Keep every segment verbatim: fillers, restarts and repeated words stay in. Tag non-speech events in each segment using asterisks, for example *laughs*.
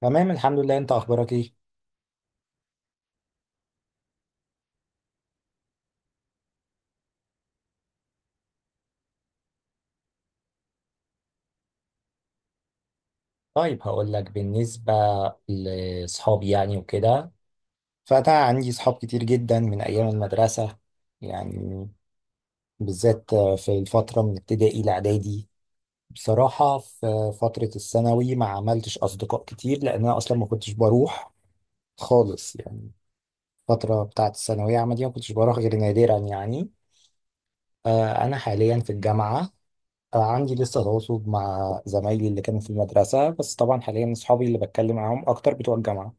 تمام الحمد لله، انت اخبارك ايه؟ طيب هقول لك بالنسبه لاصحابي يعني وكده. فانا عندي صحاب كتير جدا من ايام المدرسه يعني، بالذات في الفتره من ابتدائي لاعدادي. بصراحه في فتره الثانوي ما عملتش اصدقاء كتير لان انا اصلا ما كنتش بروح خالص يعني. الفتره بتاعه الثانويه عامه دي ما كنتش بروح غير نادرا يعني. آه، انا حاليا في الجامعه. آه، عندي لسه تواصل مع زمايلي اللي كانوا في المدرسة، بس طبعا حاليا أصحابي اللي بتكلم معاهم أكتر بتوع الجامعة.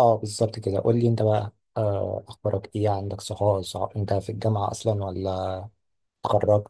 اه بالظبط كده، قول لي أنت بقى، آه، أخبارك إيه؟ عندك صحاب؟ صح- أنت في الجامعة أصلا ولا اتخرجت؟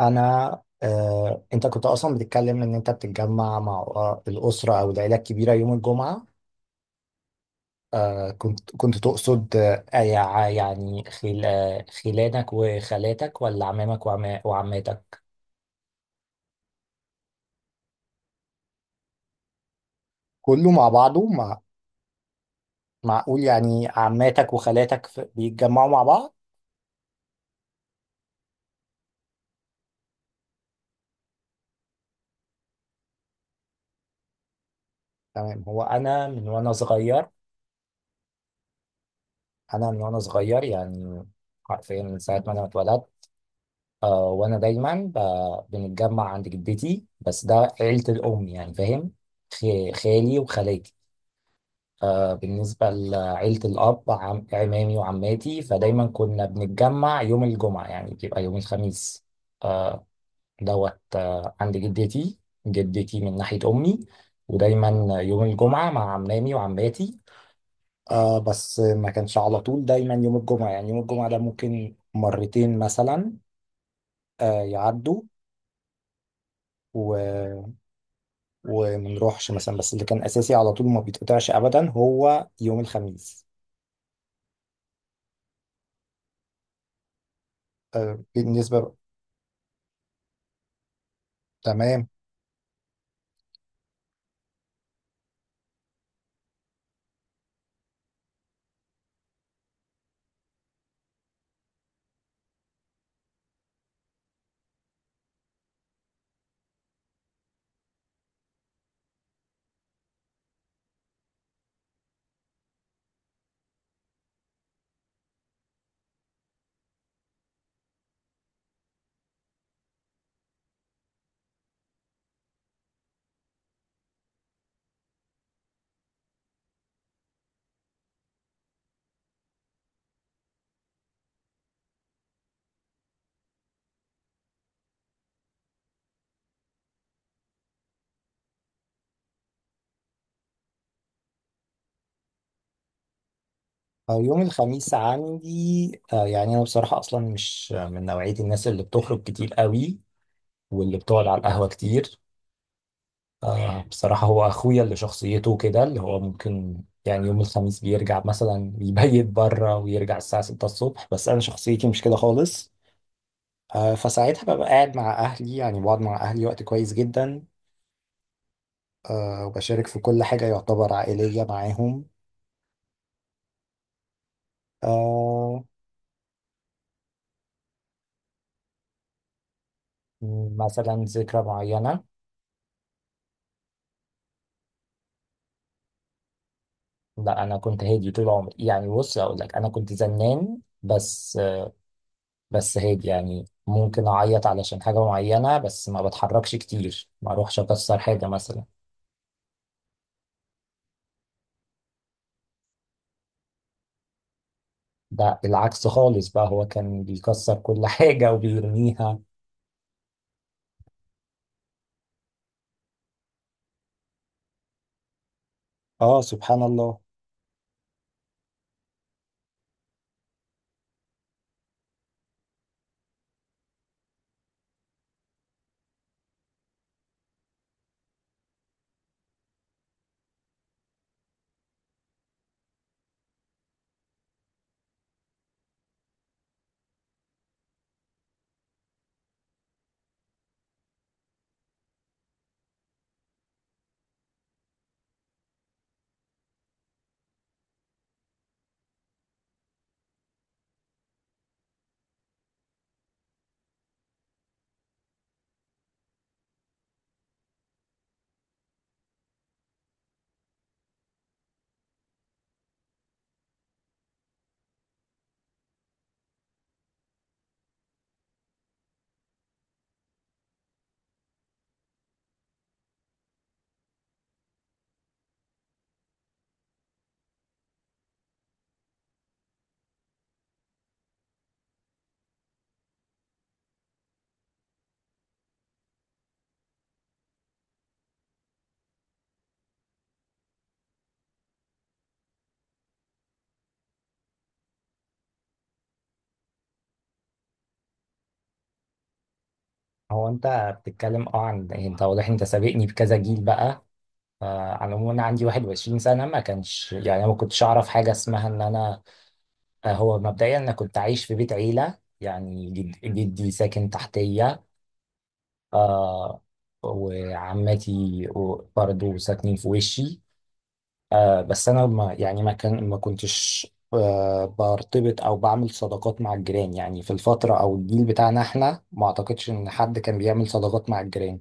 أنا، آه، أنت كنت أصلا بتتكلم إن أنت بتتجمع مع آه، الأسرة أو العيلة الكبيرة يوم الجمعة. آه، كنت كنت تقصد، آه، يع- يعني خل- آه، خلانك وخالاتك ولا عمامك وعما- وعماتك؟ كله مع بعضه مع... معقول يعني عماتك وخالاتك في- بيتجمعوا مع بعض؟ تمام. هو انا من وانا صغير، انا من وانا صغير يعني حرفيا من ساعه ما انا اتولدت. آه وانا دايما ب- بنتجمع عند جدتي، بس ده عيله الام يعني، فاهم؟ خ- خالي وخالاتي. آه بالنسبه لعيله الاب، عم عمامي وعماتي، فدايما كنا بنتجمع يوم الجمعه، يعني بيبقى يوم الخميس، آه، دوت آه، عند جدتي، جدتي من ناحية أمي. ودايما آه، يوم الجمعة مع عمامي وعماتي. آه بس ما كانش على طول دايما يوم الجمعة، يعني يوم الجمعة ده ممكن مرتين مثلا آه يعدوا و... ومنروحش مثلا، بس اللي كان أساسي على طول ما بيتقطعش أبدا هو يوم الخميس. آه بالنسبة، تمام. آه يوم الخميس عندي، آه يعني أنا بصراحة أصلا مش من نوعية الناس اللي بتخرج كتير قوي واللي بتقعد على القهوة كتير. آه بصراحة هو أخويا اللي شخصيته كده، اللي هو ممكن يعني يوم الخميس بيرجع مثلا يبيت بره ويرجع الساعة ستة الصبح، بس أنا شخصيتي مش كده خالص. آه فساعتها ببقى قاعد مع أهلي، يعني بقعد مع أهلي وقت كويس جدا. آه وبشارك في كل حاجة يعتبر عائلية معاهم. آه مثلا ذكرى معينة؟ لا أنا كنت هادي طول عمري يعني، بص أقول لك أنا كنت زنان بس. بس هيك يعني، ممكن اعيط علشان حاجة معينة، بس ما بتحركش كتير، ما اروحش اكسر حاجة مثلا. ده العكس خالص بقى، هو كان بيكسر كل حاجة وبيرميها. اه سبحان الله. هو انت بتتكلم اه عن، انت واضح انت سابقني بكذا جيل بقى. فعلى العموم انا عندي واحد وعشرين سنة، ما كانش يعني أنا ما كنتش اعرف حاجة اسمها ان انا، آه، هو مبدئيا انا كنت عايش في بيت عيلة، يعني جد- جدي ساكن تحتية. آه وعمتي و- برضو ساكنين في وشي. آه بس انا ما يعني، ما كان ما كنتش آه برتبط او بعمل صداقات مع الجيران. يعني في الفترة او الجيل بتاعنا احنا ما اعتقدش ان حد كان بيعمل صداقات مع الجيران.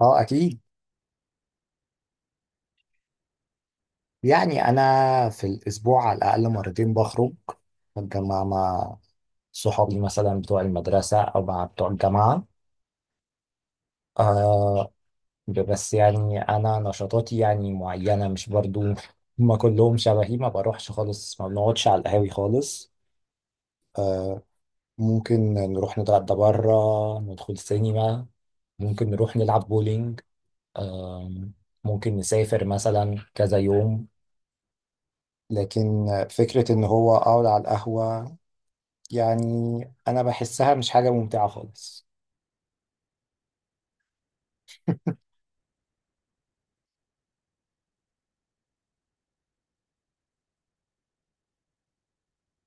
اه اكيد. يعني انا في الاسبوع على الاقل مرتين بخرج، بتجمع مع صحابي مثلا بتوع المدرسة او مع بتوع الجامعة. آه بس يعني انا نشاطاتي يعني معينه، مش برضو ما كلهم شبهي. ما بروحش خالص، ما بنقعدش على القهاوي خالص. ممكن نروح نتغدى بره، ندخل سينما، ممكن نروح نلعب بولينج، آم، ممكن نسافر مثلا كذا يوم. لكن فكرة إن هو أقعد على القهوة، يعني أنا بحسها مش حاجة ممتعة خالص.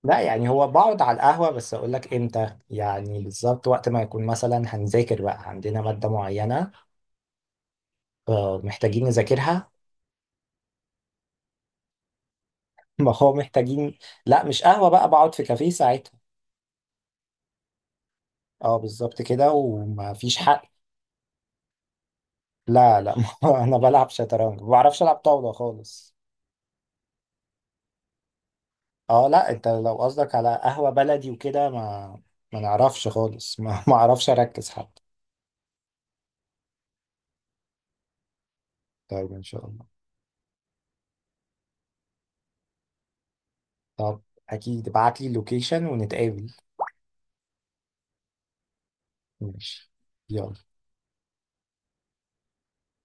لا يعني هو بقعد على القهوة، بس أقول لك إمتى يعني بالظبط، وقت ما يكون مثلا هنذاكر بقى عندنا مادة معينة آه، محتاجين نذاكرها. *laughs* ما هو محتاجين. لا مش قهوة بقى، بقعد في كافيه ساعتها. اه بالظبط كده، وما فيش حق. لا لا *laughs* ما هو انا بلعب شطرنج، ما بعرفش العب طاولة خالص. اه لا انت لو قصدك على قهوة بلدي وكده، ما ما نعرفش خالص *laughs* ما ما اعرفش اركز حتى. طيب ان شاء الله. طب اكيد ابعت لي اللوكيشن ونتقابل. ماشي، يلا.